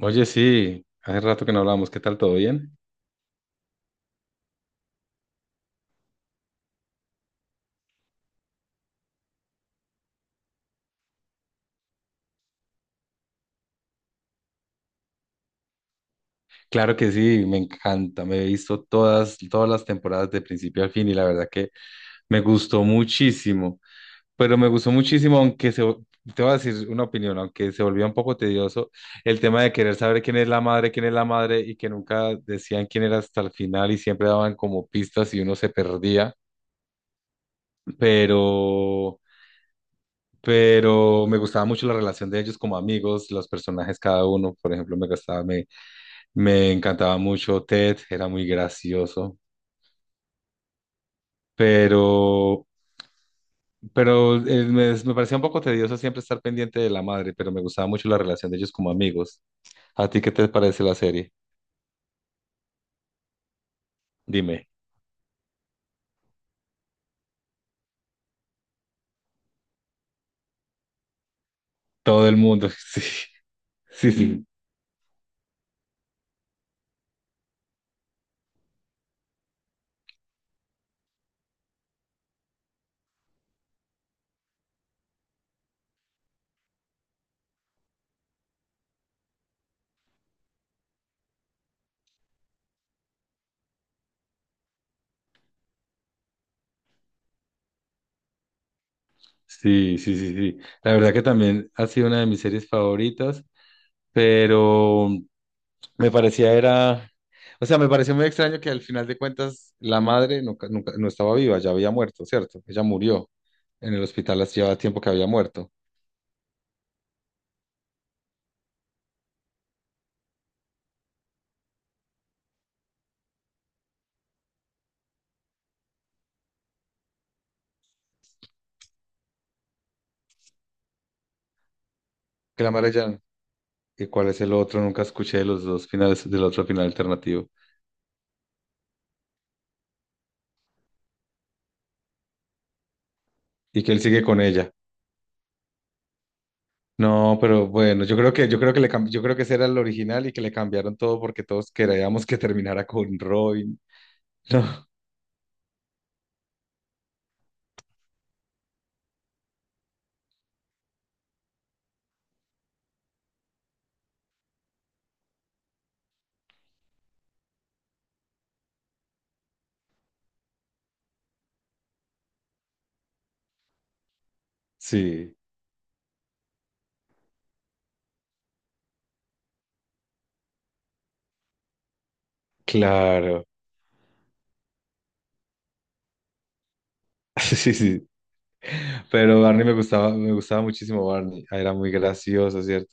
Oye, sí, hace rato que no hablamos, ¿qué tal? ¿Todo bien? Claro que sí, me encanta, me he visto todas las temporadas de principio al fin y la verdad que me gustó muchísimo, pero me gustó muchísimo, te voy a decir una opinión, aunque se volvió un poco tedioso el tema de querer saber quién es la madre, quién es la madre y que nunca decían quién era hasta el final y siempre daban como pistas y uno se perdía, pero... Pero me gustaba mucho la relación de ellos como amigos, los personajes cada uno, por ejemplo, me gustaba, me encantaba mucho Ted, era muy gracioso, pero, pero me parecía un poco tedioso siempre estar pendiente de la madre, pero me gustaba mucho la relación de ellos como amigos. ¿A ti qué te parece la serie? Dime. Todo el mundo, sí, sí, sí, sí, sí, sí, sí. La verdad que también ha sido una de mis series favoritas, pero Me parecía era, o sea, me pareció muy extraño que al final de cuentas la madre nunca, nunca, no estaba viva, ya había muerto, ¿cierto? Ella murió en el hospital, hace ya tiempo que había muerto. Que la madre ya, ¿y cuál es el otro? Nunca escuché de los dos finales, del otro final alternativo. Y que él sigue con ella. No, pero bueno, yo creo que ese era el original y que le cambiaron todo porque todos queríamos que terminara con Robin. No, sí, claro. Sí, sí. Pero Barney me gustaba muchísimo Barney. Ah, era muy gracioso, ¿cierto?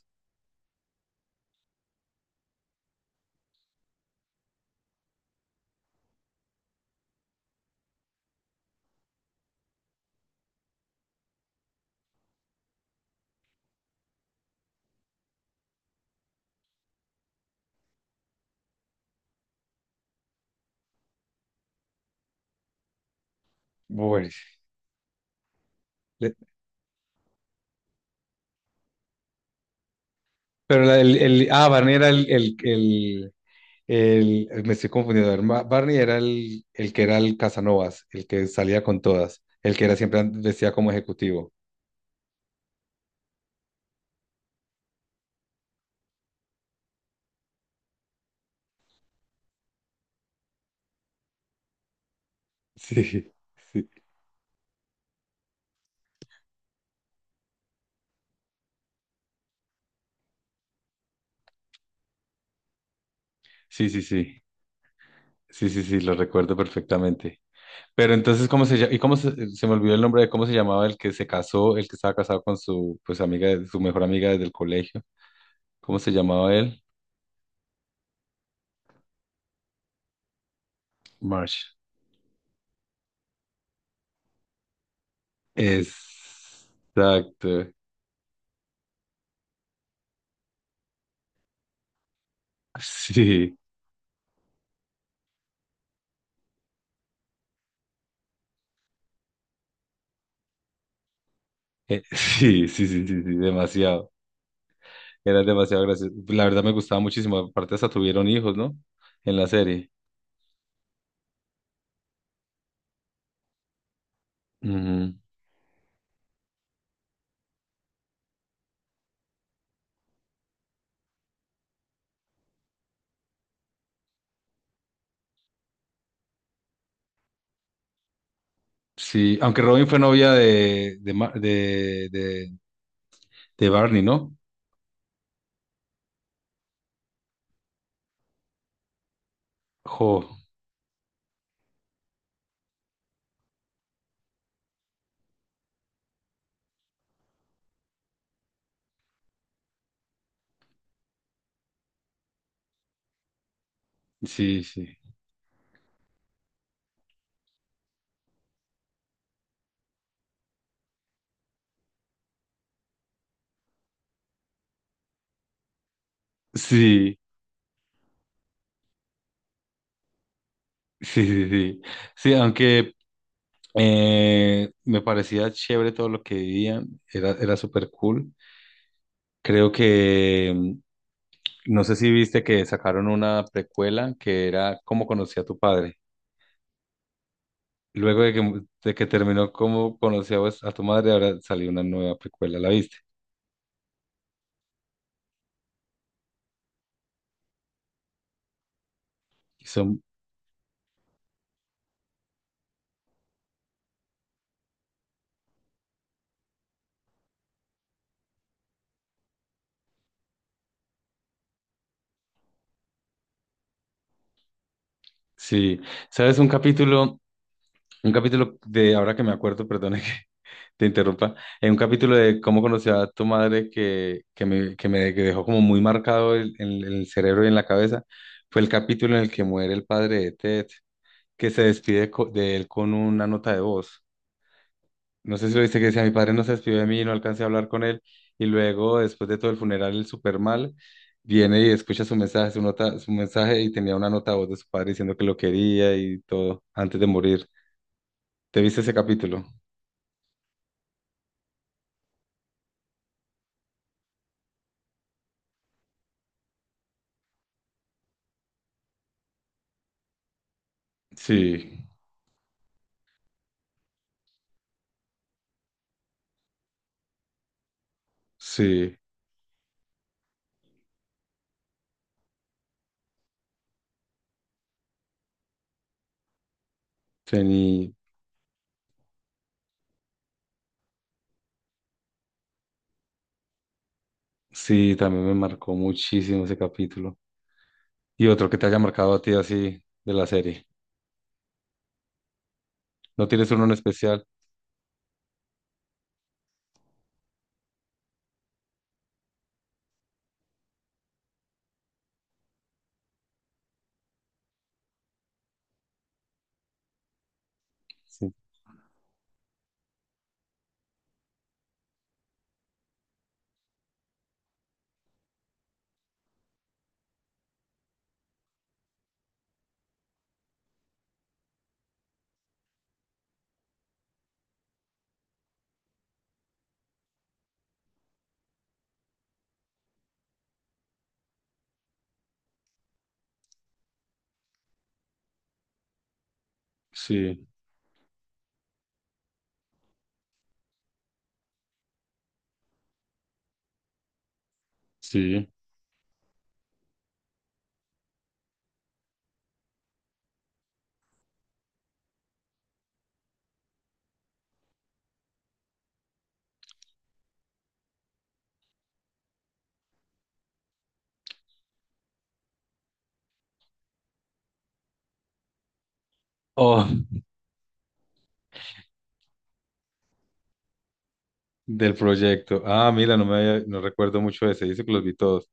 Bueno, Le- Pero la- el- ah, Barney era el- me estoy confundiendo. A ver, Barney era el que era el Casanovas, el que salía con todas, el que era siempre vestía como ejecutivo. Sí, sí. Sí, sí, sí. Sí, sí, sí, lo recuerdo perfectamente. Pero entonces, ¿cómo se llama? Y se me olvidó el nombre de cómo se llamaba el que se casó, el que estaba casado con su pues amiga, su mejor amiga desde el colegio. ¿Cómo se llamaba él? March. Exacto. Sí, sí, sí, sí, sí, sí, demasiado. Era demasiado gracioso. La verdad me gustaba muchísimo. Aparte hasta tuvieron hijos, ¿no? En la serie. Ujú. Sí, aunque Robin fue novia de, Ma- de Barney, ¿no? Jo, sí, sí. Sí, sí, sí, sí. Sí, aunque me parecía chévere todo lo que vivían, era súper cool. Creo que No sé si viste que sacaron una precuela que era ¿Cómo conocí a tu padre? Luego de de que terminó ¿Cómo conocí a, a tu madre? Ahora salió una nueva precuela, ¿la viste? Y son, sí, ¿sabes? Un capítulo de, ahora que me acuerdo, perdona que te interrumpa, en un capítulo de ¿Cómo conocí a tu madre?, que dejó como muy marcado el- en el cerebro y en la cabeza, fue el capítulo en el que muere el padre de Ted, que se despide de él con una nota de voz. No sé si lo viste, que decía, mi padre no se despidió de mí, no alcancé a hablar con él. Y luego, después de todo el funeral, el super mal, viene y escucha su mensaje, su nota, su mensaje, y tenía una nota de voz de su padre diciendo que lo quería y todo, antes de morir. ¿Te viste ese capítulo? Sí, sí, tení, sí, también me marcó muchísimo ese capítulo. Y otro que te haya marcado a ti así de la serie. ¿No tienes uno en especial? Sí, sí, sí. Oh, del proyecto. Ah, mira, no recuerdo mucho ese. Dice que los vi todos.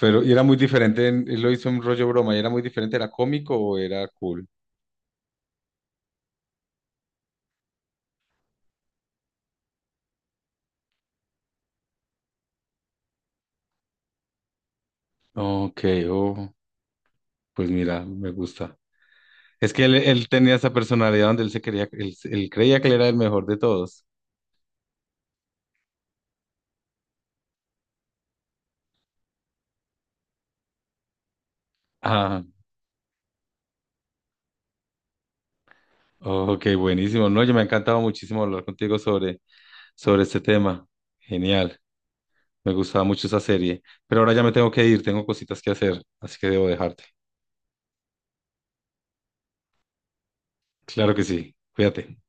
Pero, y era muy diferente, él lo hizo en rollo broma, y era muy diferente, ¿era cómico o era cool? Ok, oh, pues mira, me gusta. Es que él tenía esa personalidad donde él se creía, él creía que él era el mejor de todos. Ah, ok, buenísimo. No, yo me ha encantado muchísimo hablar contigo sobre, sobre este tema. Genial, me gustaba mucho esa serie. Pero ahora ya me tengo que ir, tengo cositas que hacer, así que debo dejarte. Claro que sí, cuídate.